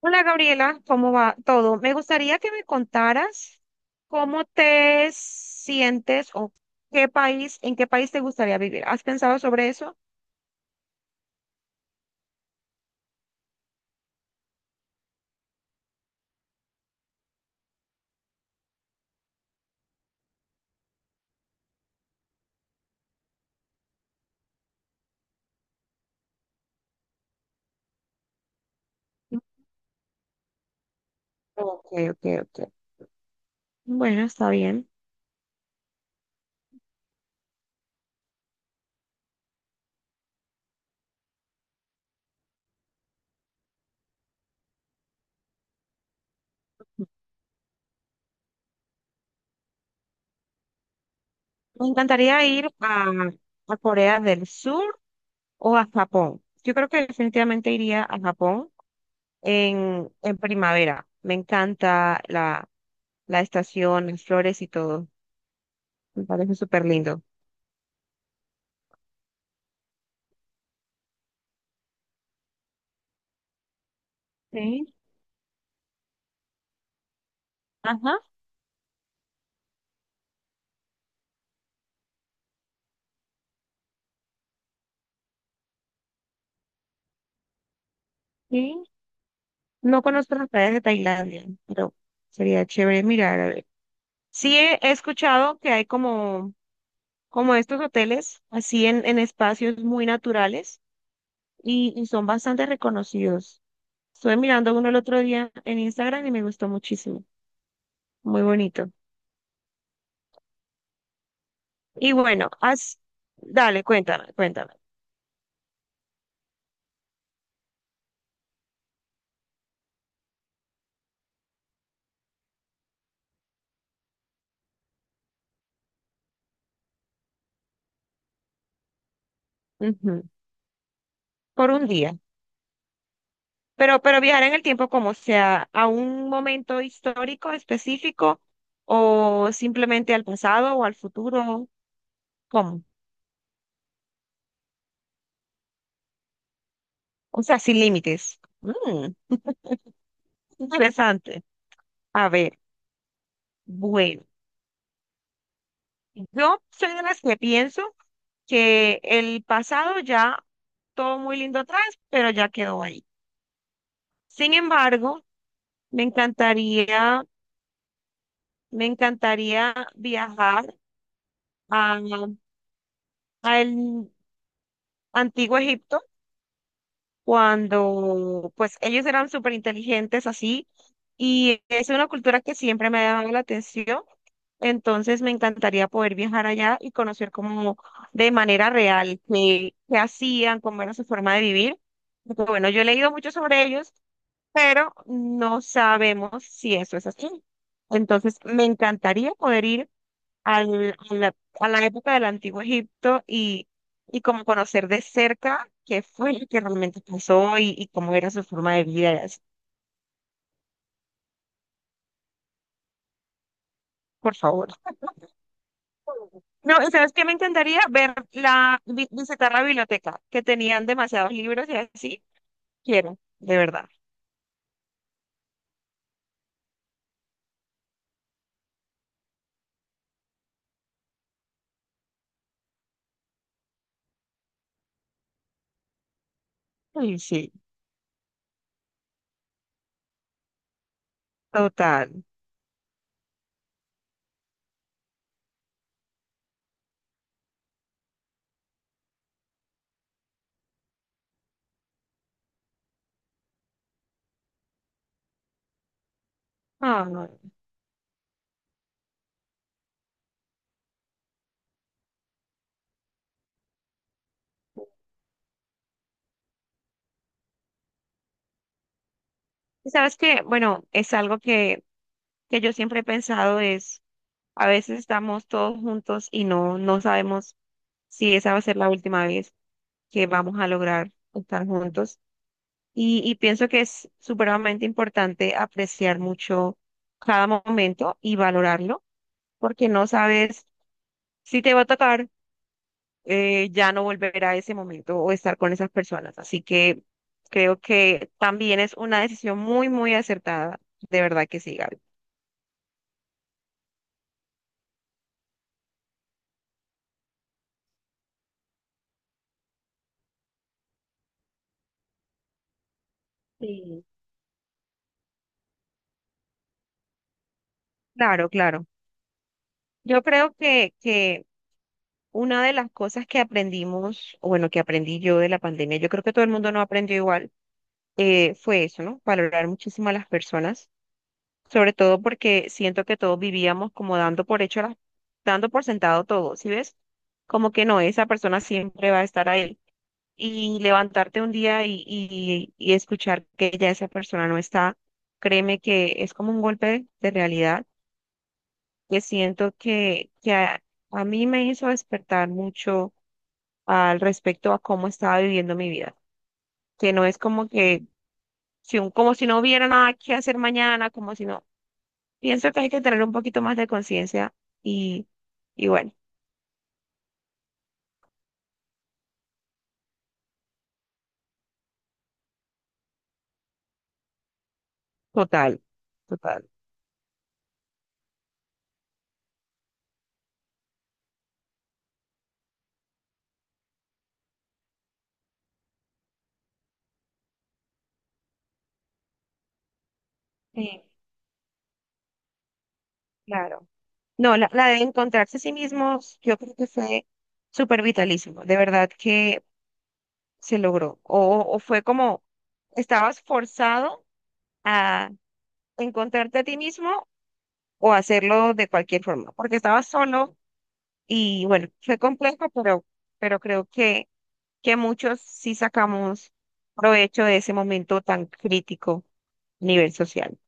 Hola Gabriela, ¿cómo va todo? Me gustaría que me contaras cómo te sientes o qué país, en qué país te gustaría vivir. ¿Has pensado sobre eso? Ok, ok, ok. Bueno, está bien. Me encantaría ir a Corea del Sur o a Japón. Yo creo que definitivamente iría a Japón en primavera. Me encanta la, la estación, las flores y todo. Me parece súper lindo. Sí, ajá. Sí. No conozco las playas de Tailandia, pero sería chévere mirar, a ver. Sí he, he escuchado que hay como, como estos hoteles, así en espacios muy naturales y son bastante reconocidos. Estuve mirando uno el otro día en Instagram y me gustó muchísimo, muy bonito. Y bueno, haz, dale, cuéntame, cuéntame. Ujú, por un día. Pero viajar en el tiempo como sea, a un momento histórico específico o simplemente al pasado o al futuro. ¿Cómo? O sea, sin límites. Mm, interesante. A ver, bueno, yo soy de las que pienso que el pasado ya todo muy lindo atrás, pero ya quedó ahí. Sin embargo, me encantaría, me encantaría viajar a, a el antiguo Egipto cuando pues ellos eran súper inteligentes así y es una cultura que siempre me ha llamado la atención. Entonces me encantaría poder viajar allá y conocer como de manera real qué, qué hacían, cómo era su forma de vivir. Porque, bueno, yo he leído mucho sobre ellos, pero no sabemos si eso es así. Entonces me encantaría poder ir al- a la época del Antiguo Egipto y como conocer de cerca qué fue lo que realmente pasó y cómo era su forma de vida, y así. Por favor. No, ¿sabes qué? Me encantaría ver la, vi- visitar la biblioteca, que tenían demasiados libros y así. Quiero, de verdad. Ay, sí, total. Ay, no. ¿Y ¿sabes qué? Bueno, es algo que yo siempre he pensado es, a veces estamos todos juntos y no, no sabemos si esa va a ser la última vez que vamos a lograr estar juntos. Y pienso que es supremamente importante apreciar mucho cada momento y valorarlo, porque no sabes si te va a tocar, ya no volver a ese momento o estar con esas personas. Así que creo que también es una decisión muy, muy acertada. De verdad que sí, Gaby. Sí. Claro, claro. Yo creo que una de las cosas que aprendimos, o bueno, que aprendí yo de la pandemia, yo creo que todo el mundo no aprendió igual, fue eso, ¿no? Valorar muchísimo a las personas, sobre todo porque siento que todos vivíamos como dando por hecho, las- dando por sentado todo, ¿sí ves? Como que no, esa persona siempre va a estar ahí y levantarte un día y escuchar que ya esa persona no está, créeme que es como un golpe de realidad que siento que a mí me hizo despertar mucho al respecto a cómo estaba viviendo mi vida, que no es como que, si un- como si no hubiera nada que hacer mañana, como si no, pienso que hay que tener un poquito más de conciencia y, y bueno, total, total. Sí, claro. No, la de encontrarse a sí mismos, yo creo que fue súper vitalísimo. De verdad que se logró. O fue como, estabas forzado a encontrarte a ti mismo o hacerlo de cualquier forma, porque estabas solo y bueno, fue complejo, pero creo que muchos sí sacamos provecho de ese momento tan crítico a nivel social.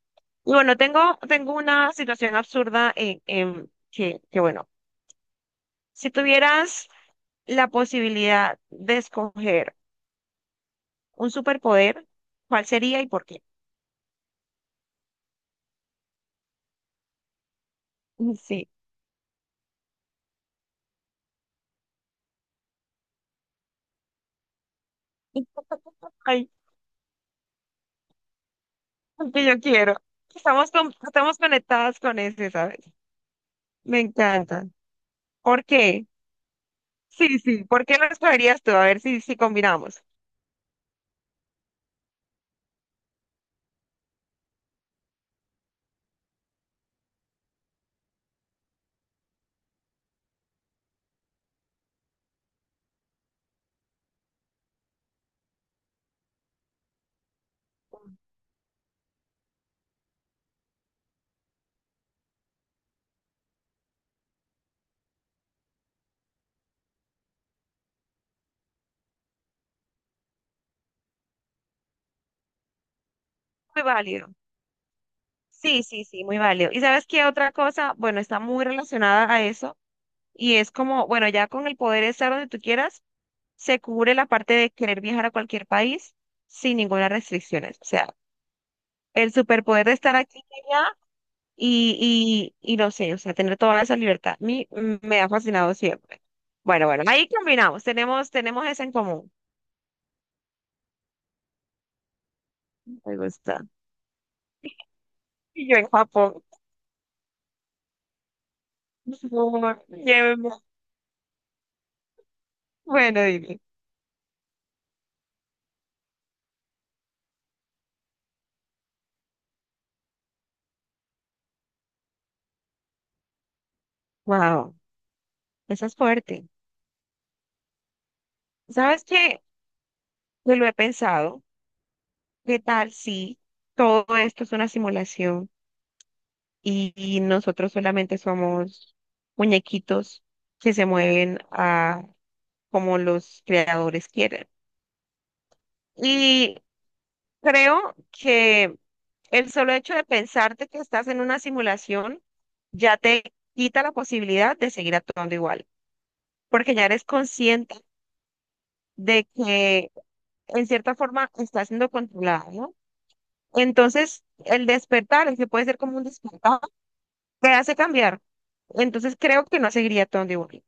Y bueno, tengo, tengo una situación absurda en que bueno, si tuvieras... la posibilidad de escoger un superpoder, ¿cuál sería y por qué? Sí. Ay, el que yo quiero. Estamos, con- estamos conectadas con ese, ¿sabes? Me encantan. ¿Por qué? Sí, sí. ¿Por qué lo escogerías tú? A ver si, si combinamos. Muy válido. Sí, sí, sí, muy válido. ¿Y sabes qué otra cosa? Bueno, está muy relacionada a eso y es como, bueno, ya con el poder de estar donde tú quieras, se cubre la parte de querer viajar a cualquier país sin ninguna restricción. O sea, el superpoder de estar aquí y allá y no sé, o sea, tener toda esa libertad. A mí, me ha fascinado siempre. Bueno, bueno, ahí combinamos, tenemos, tenemos eso en común. Me gusta. Y yo en Japón. Por favor, llévenme. Bueno, dime. Wow, esa es fuerte. ¿Sabes qué? Yo lo he pensado. ¿Qué tal si todo esto es una simulación y nosotros solamente somos muñequitos que se mueven a como los creadores quieren? Y creo que el solo hecho de pensarte que estás en una simulación ya te quita la posibilidad de seguir actuando igual, porque ya eres consciente de que en cierta forma estás siendo controlada, ¿no? Entonces, el despertar, el que puede ser como un despertar, te hace cambiar. Entonces, creo que no seguiría actuando igual.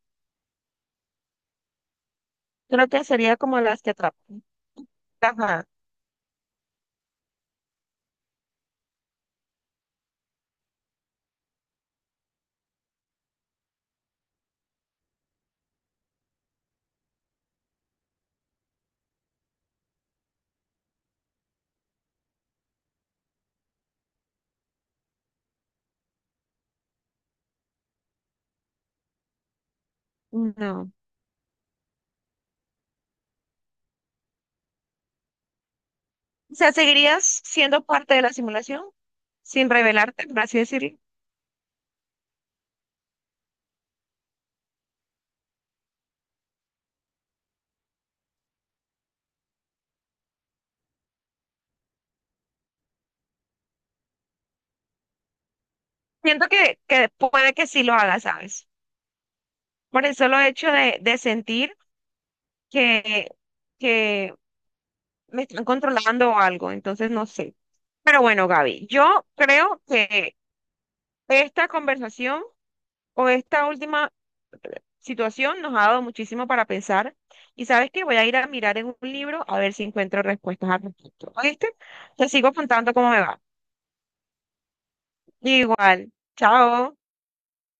Creo que sería como las que atrapan. Ajá, no. O sea, ¿seguirías siendo parte de la simulación sin revelarte, por así decirlo? Siento que puede que sí lo haga, ¿sabes? Por el solo hecho de sentir que, que me están controlando o algo, entonces no sé. Pero bueno, Gaby, yo creo que esta conversación o esta última situación nos ha dado muchísimo para pensar. Y sabes que voy a ir a mirar en un libro a ver si encuentro respuestas al respecto. ¿Oíste? Te sigo contando cómo me va. Igual. Chao.